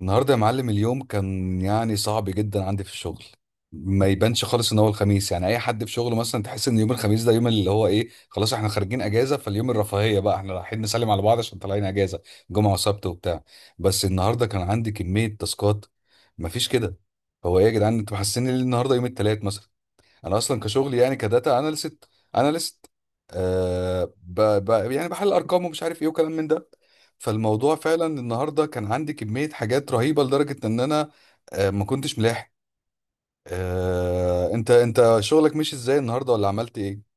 النهارده يا معلم، اليوم كان يعني صعب جدا عندي في الشغل. ما يبانش خالص ان هو الخميس، يعني اي حد في شغله مثلا تحس ان يوم الخميس ده يوم اللي هو ايه، خلاص احنا خارجين اجازه، فاليوم الرفاهيه بقى، احنا رايحين نسلم على بعض عشان طالعين اجازه، جمعه وسبت وبتاع. بس النهارده كان عندي كميه تاسكات، مفيش كده. هو ايه يا جدعان، انتوا محسسين ليه النهارده يوم الثلاث مثلا؟ انا اصلا كشغلي يعني كداتا اناليست، اناليست. يعني بحل ارقام ومش عارف ايه وكلام من ده. فالموضوع فعلا النهارده كان عندي كميه حاجات رهيبه لدرجه ان انا ما كنتش ملاحق. انت شغلك مشي ازاي النهارده ولا عملت ايه؟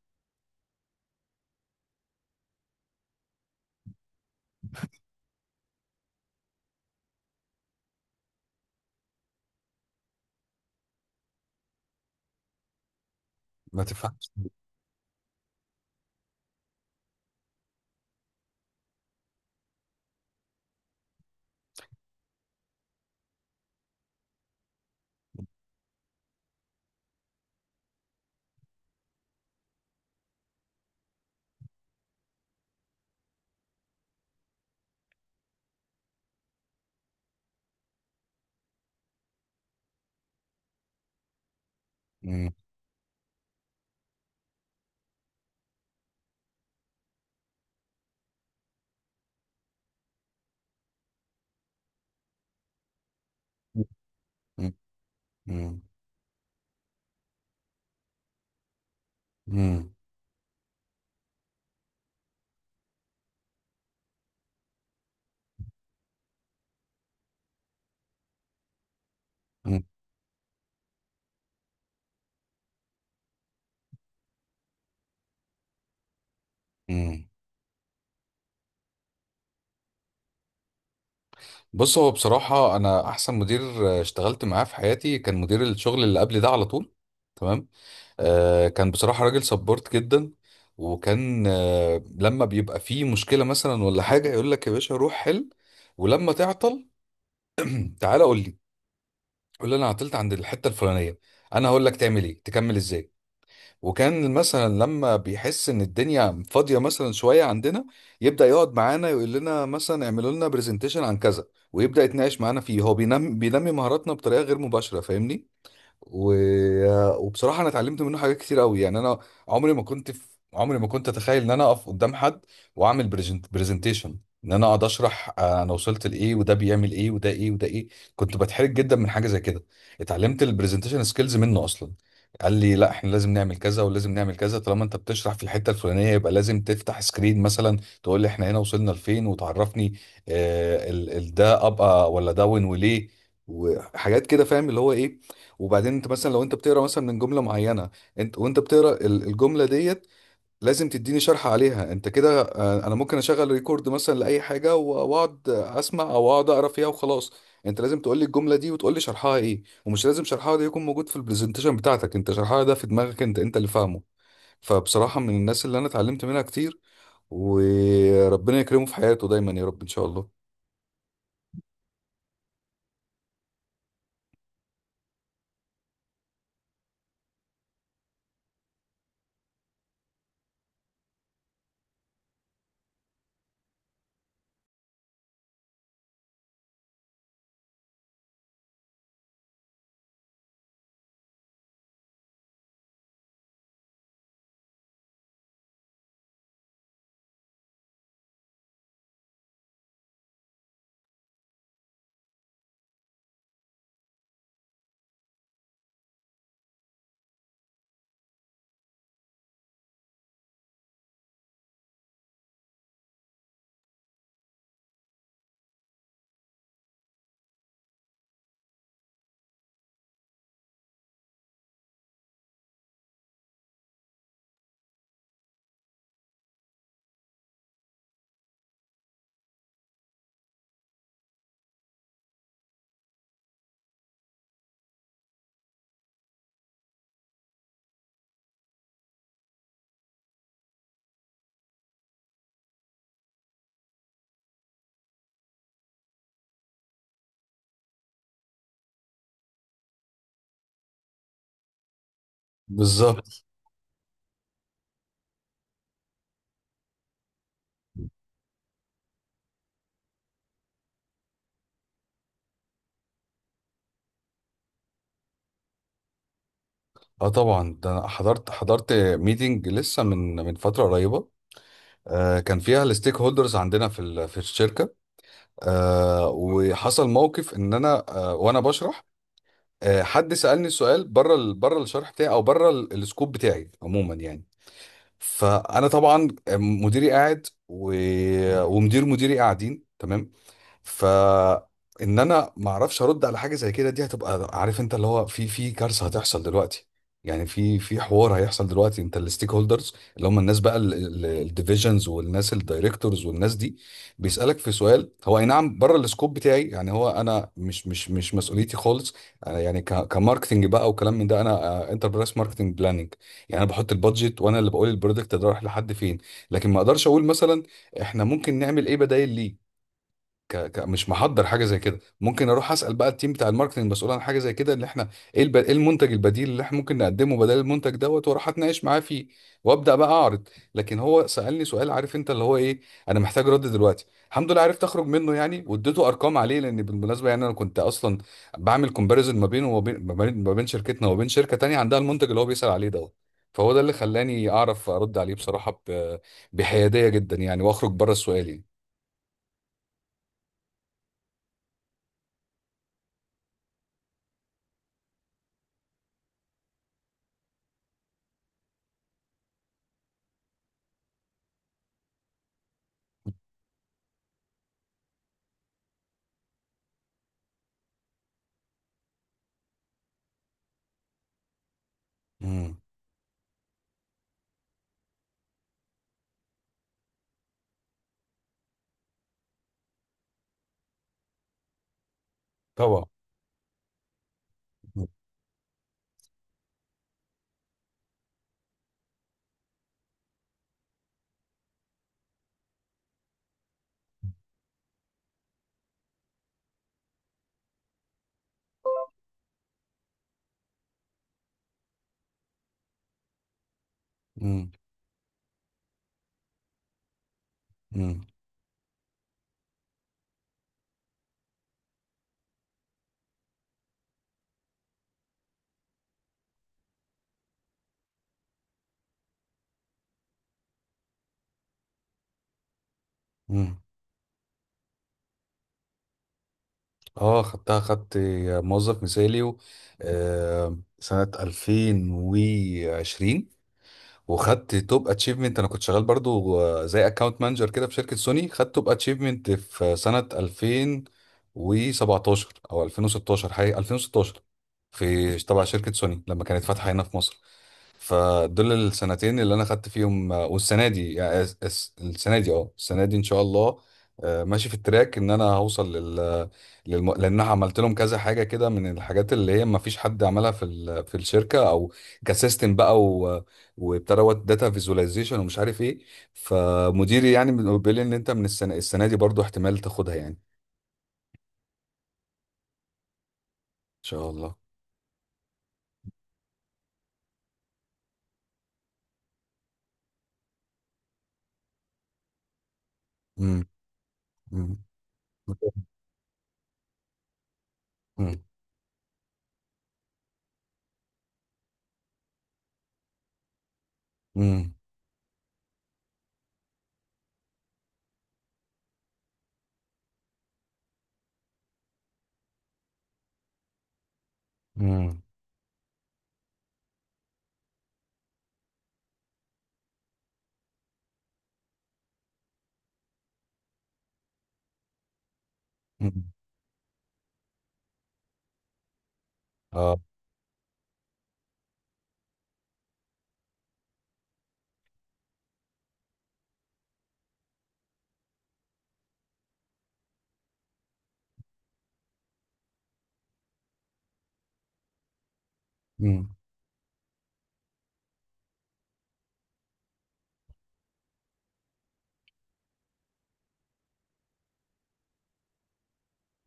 ما تفهمش. مم. مم. مم. مم. مم. بص، هو بصراحة أنا أحسن مدير اشتغلت معاه في حياتي كان مدير الشغل اللي قبل ده، على طول. تمام. كان بصراحة راجل سبورت جدا. وكان لما بيبقى فيه مشكلة مثلا ولا حاجة يقول لك يا باشا روح حل، ولما تعطل تعالى قول لي، قول لي أنا عطلت عند الحتة الفلانية، أنا هقول لك تعمل إيه، تكمل إزاي. وكان مثلا لما بيحس ان الدنيا فاضيه مثلا شويه عندنا، يبدا يقعد معانا يقول لنا مثلا اعملوا لنا برزنتيشن عن كذا، ويبدا يتناقش معانا فيه. هو بينمي مهاراتنا بطريقه غير مباشره، فاهمني؟ و... وبصراحه انا اتعلمت منه حاجات كتير قوي. يعني انا عمري ما كنت في... عمري ما كنت اتخيل ان انا اقف قدام حد واعمل برزنتيشن، ان انا اقعد اشرح انا وصلت لايه وده بيعمل ايه وده ايه وده ايه. كنت بتحرج جدا من حاجه زي كده. اتعلمت البرزنتيشن سكيلز منه اصلا. قال لي لا احنا لازم نعمل كذا ولازم نعمل كذا، طالما انت بتشرح في الحته الفلانيه يبقى لازم تفتح سكرين مثلا، تقول لي احنا هنا وصلنا لفين وتعرفني ده ابقى ولا داون وليه، وحاجات كده، فاهم اللي هو ايه. وبعدين انت مثلا لو انت بتقرا مثلا من جمله معينه، انت وانت بتقرا الجمله ديت، لازم تديني شرح عليها انت كده. انا ممكن اشغل ريكورد مثلا لاي حاجه واقعد اسمع او اقعد اقرا فيها وخلاص، انت لازم تقول لي الجمله دي وتقول لي شرحها ايه، ومش لازم شرحها ده يكون موجود في البرزنتيشن بتاعتك، انت شرحها ده في دماغك انت، انت اللي فاهمه. فبصراحه من الناس اللي انا اتعلمت منها كتير، وربنا يكرمه في حياته دايما يا رب ان شاء الله. بالظبط. اه طبعا، ده انا حضرت ميتنج لسه من فتره قريبه. كان فيها الستيك هولدرز عندنا في في الشركه. وحصل موقف ان انا، وانا بشرح، حد سالني سؤال بره بره الشرح بتاعي او بره السكوب بتاعي عموما يعني. فانا طبعا، مديري قاعد ومدير مديري قاعدين تمام، فان انا ما اعرفش ارد على حاجه زي كده، دي هتبقى عارف انت اللي هو، في كارثه هتحصل دلوقتي. يعني في حوار هيحصل دلوقتي. انت الستيك هولدرز اللي هم الناس بقى، الديفيجنز والناس الدايركتورز والناس دي، بيسالك في سؤال هو اي نعم بره السكوب بتاعي، يعني هو انا مش مسؤوليتي خالص. أنا يعني كماركتنج بقى وكلام من ده، انا انتربرايز ماركتنج بلاننج، يعني انا بحط البادجت وانا اللي بقول البرودكت ده رايح لحد فين. لكن ما اقدرش اقول مثلا احنا ممكن نعمل ايه، بدايل ليه، مش محضر حاجه زي كده. ممكن اروح اسال بقى التيم بتاع الماركتنج المسؤول عن حاجه زي كده، اللي احنا ايه المنتج البديل اللي احنا ممكن نقدمه بدل المنتج دوت، واروح اتناقش معاه فيه، وابدا بقى اعرض. لكن هو سالني سؤال، عارف انت اللي هو ايه، انا محتاج رد دلوقتي. الحمد لله عرفت اخرج منه يعني، واديته ارقام عليه، لان بالمناسبه يعني انا كنت اصلا بعمل كومباريزون ما بينه وما بين ما بين ما بين شركتنا وما بين شركه تانية عندها المنتج اللي هو بيسال عليه دوت. فهو ده اللي خلاني اعرف ارد عليه بصراحه، بحياديه جدا يعني، واخرج بره السؤال يعني. امم. طبعا. امم. امم. امم. اه خدتها، خدت موظف مثالي سنة 2020، وخدت توب اتشيفمنت. انا كنت شغال برضو زي اكاونت مانجر كده في شركة سوني، خدت توب اتشيفمنت في سنة 2017 او 2016، حقيقة 2016، في تبع شركة سوني لما كانت فاتحة هنا في مصر. فدول السنتين اللي انا خدت فيهم والسنه دي يعني السنه دي اه السنه دي ان شاء الله ماشي في التراك ان انا هوصل لل, لان أنا عملت لهم كذا حاجه كده من الحاجات اللي هي ما فيش حد عملها في في الشركه او كسيستم بقى وابتدى داتا فيزواليزيشن ومش عارف ايه. فمديري يعني بيقول لي ان انت من السنه دي برضو احتمال تاخدها، يعني ان شاء الله. امم. امم. امم. امم. امم. امم، اه. امم.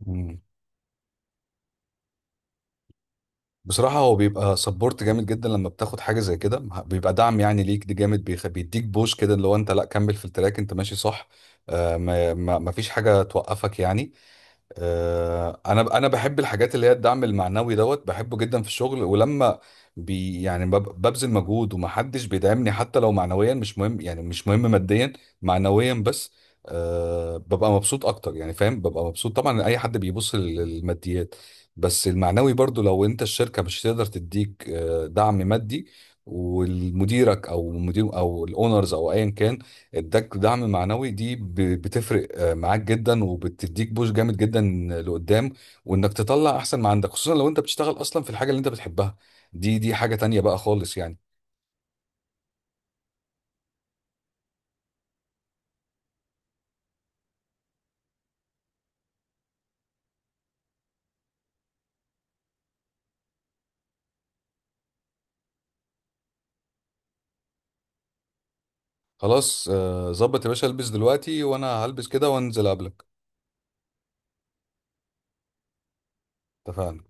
امم. بصراحة هو بيبقى سبورت جامد جدا لما بتاخد حاجة زي كده، بيبقى دعم يعني ليك، دي جامد، بيديك بوش كده اللي هو انت لا كمل في التراك انت ماشي صح. ما فيش حاجة توقفك يعني. انا بحب الحاجات اللي هي الدعم المعنوي دوت، بحبه جدا في الشغل. ولما ببذل مجهود ومحدش بيدعمني، حتى لو معنويا، مش مهم يعني مش مهم ماديا، معنويا بس. أه ببقى مبسوط اكتر يعني، فاهم، ببقى مبسوط طبعا. اي حد بيبص للماديات، بس المعنوي برضو، لو انت الشركة مش تقدر تديك دعم مادي، والمديرك او مدير او الاونرز او ايا كان اداك دعم معنوي، دي بتفرق معاك جدا، وبتديك بوش جامد جدا لقدام، وانك تطلع احسن ما عندك، خصوصا لو انت بتشتغل اصلا في الحاجه اللي انت بتحبها، دي حاجه تانية بقى خالص يعني. خلاص ظبط يا باشا، البس دلوقتي وانا هلبس كده وانزل قبلك. اتفقنا.